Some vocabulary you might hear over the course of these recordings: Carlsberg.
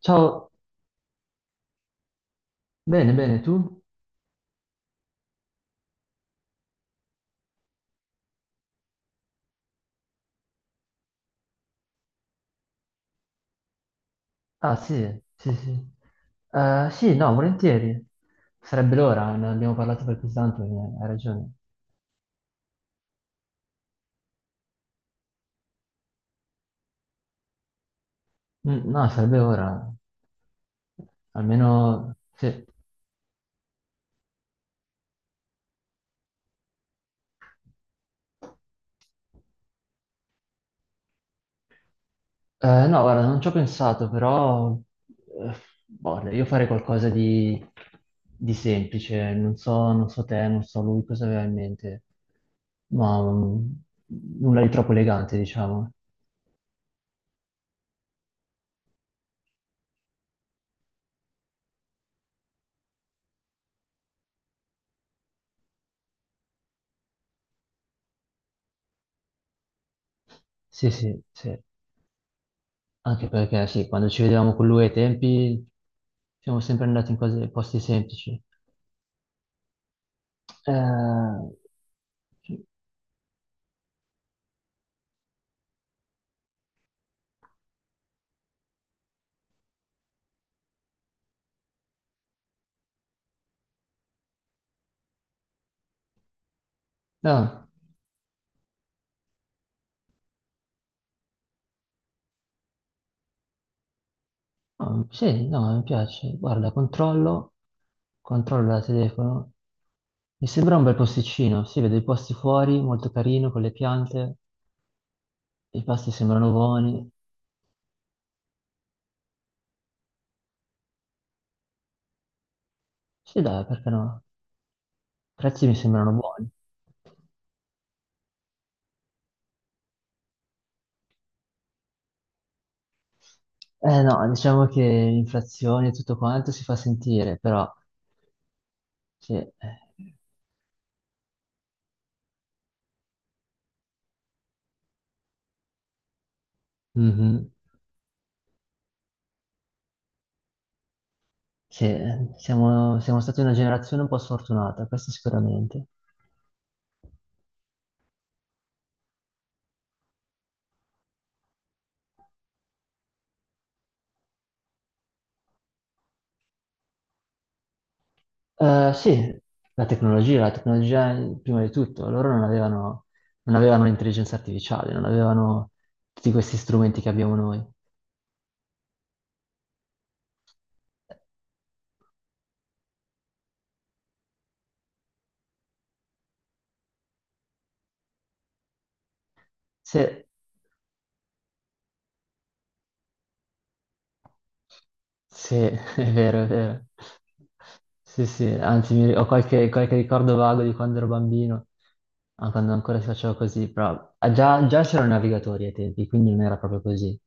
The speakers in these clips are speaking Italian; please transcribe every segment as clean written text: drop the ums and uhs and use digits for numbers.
Ciao, bene, bene, tu? Ah, sì, sì, sì. Sì, no, volentieri. Sarebbe l'ora, ne abbiamo parlato per così tanto, hai ragione. Mm, no, sarebbe ora, almeno. Sì. No, guarda, non ci ho pensato, però, eh, boh, io farei qualcosa di semplice, non so, non so te, non so lui cosa aveva in mente, ma nulla di troppo elegante, diciamo. Sì, sì, sì. Anche perché sì, quando ci vedevamo con lui ai tempi siamo sempre andati in cose, posti semplici. Eh, sì. No, no, sì, no, mi piace. Guarda, controllo da telefono. Mi sembra un bel posticino, si vede i posti fuori, molto carino, con le piante, i pasti sembrano buoni. Sì, dai, perché no? I prezzi mi sembrano buoni. Eh no, diciamo che l'inflazione e tutto quanto si fa sentire, però sì, eh. Mhm. Sì, siamo stati una generazione un po' sfortunata, questo sicuramente. Sì, la tecnologia prima di tutto, loro non avevano l'intelligenza artificiale, non avevano tutti questi strumenti che abbiamo noi. Se- Sì, è vero, è vero. Sì, sì, anzi ho qualche ricordo vago di quando ero bambino, ah, quando ancora si faceva così, però ah, già c'erano i navigatori ai tempi, quindi non era proprio così.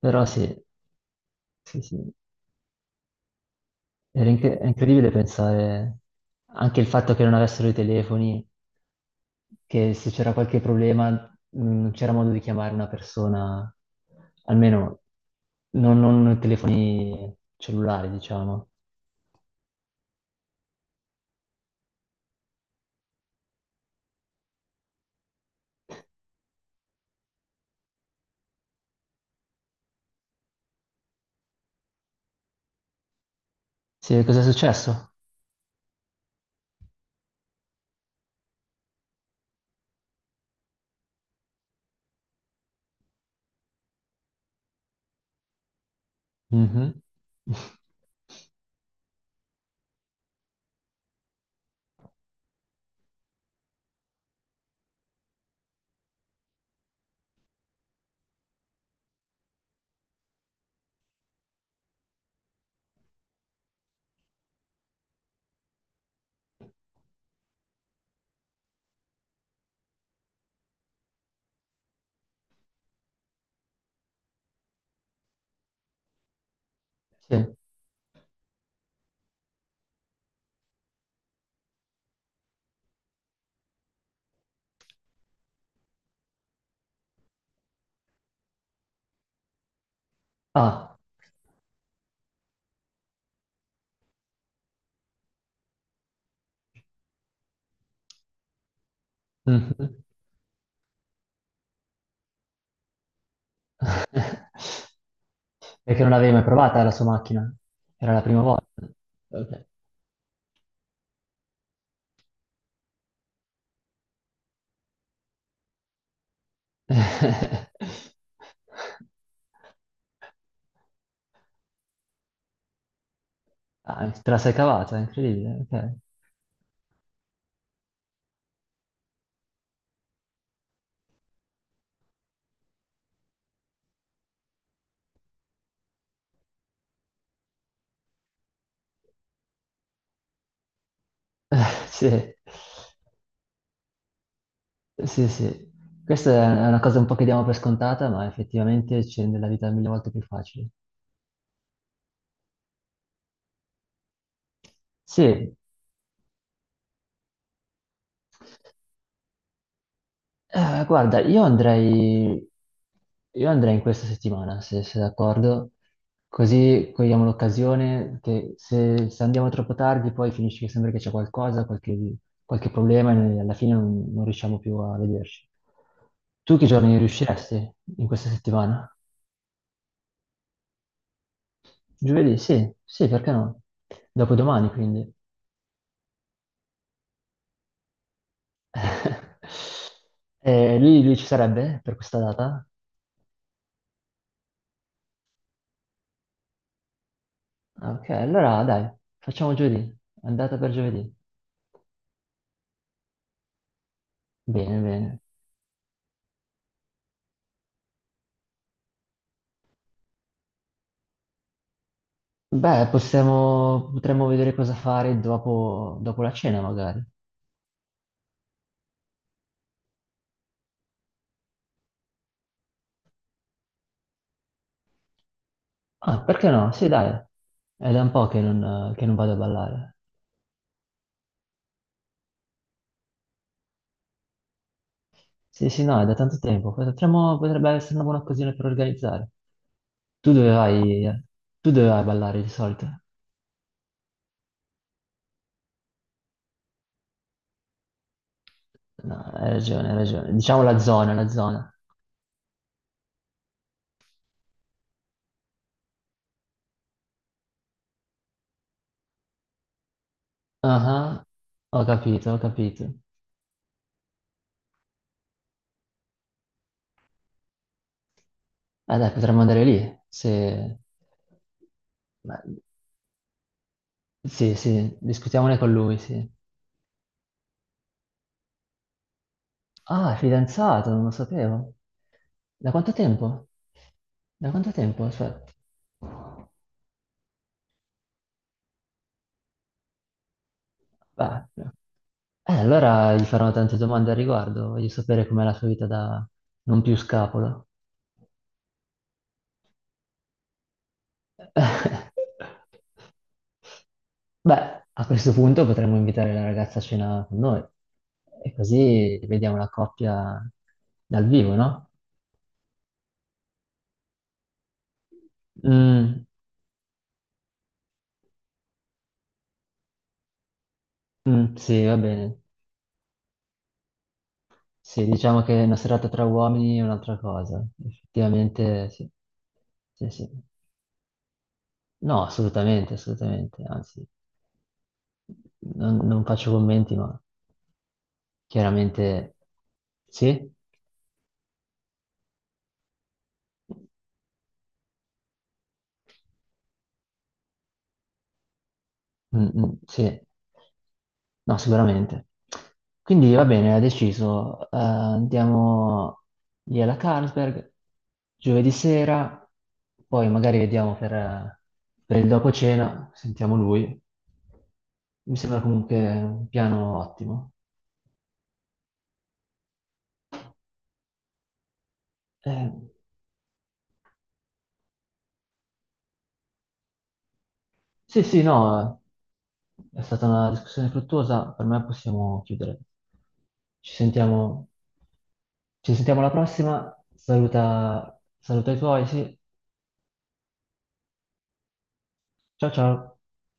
Però sì, sì, sì, era è incredibile pensare anche il fatto che non avessero i telefoni, che se c'era qualche problema non c'era modo di chiamare una persona, almeno non telefoni cellulari, diciamo. Sì, cosa è successo? Mhm. Sì. Ah, mhm. Perché non l'avevi mai provata la sua macchina? Era la prima volta. Ok. Ah, te la sei cavata, è incredibile. Ok. Sì. Sì, sì, questa è una cosa un po' che diamo per scontata, ma effettivamente ci rende la vita mille volte più facile. Sì, guarda, io andrei in questa settimana, se sei d'accordo, così cogliamo l'occasione che se andiamo troppo tardi poi finisce che sembra che c'è qualcosa, qualche problema e noi alla fine non riusciamo più a vederci. Tu che giorni riusciresti in questa settimana? Giovedì? Sì, sì, perché no? Dopodomani, quindi. E lui ci sarebbe per questa data? Ok, allora dai, facciamo giovedì, andata per giovedì. Bene, bene. Beh, potremmo vedere cosa fare dopo, dopo la cena magari. Ah, perché no? Sì, dai. È da un po' che non vado a ballare. Sì, sì, no, è da tanto tempo. Potrebbe essere una buona occasione per organizzare. Tu dove vai? Eh? Tu dove vai a ballare di solito? No, hai ragione, hai ragione. Diciamo la zona, la zona. Ah, ho capito, ho capito. Dai, potremmo andare lì, se. ma- Sì, sì, discutiamone con lui, sì. Ah, è fidanzato, non lo sapevo. Da quanto tempo? Da quanto tempo? Aspetta. Beh, no. Allora gli farò tante domande al riguardo, voglio sapere com'è la sua vita da non più scapolo. Beh, a questo punto potremmo invitare la ragazza a cena con noi e così vediamo la coppia dal vivo, no? Mm, mm, sì, va bene. Sì, diciamo che una serata tra uomini è un'altra cosa. Effettivamente, sì. Sì, sì. No, assolutamente, assolutamente. Anzi, non faccio commenti, ma chiaramente sì. Mm, mm, sì, no, sicuramente. Quindi va bene, ha deciso. Andiamo lì alla Carlsberg giovedì sera, poi magari vediamo per il dopo cena, sentiamo lui. Mi sembra comunque un piano ottimo. Eh, sì, sì, no, è stata una discussione fruttuosa, per me possiamo chiudere. Ci sentiamo, ci sentiamo alla prossima, saluta, saluta i tuoi, sì, ciao ciao.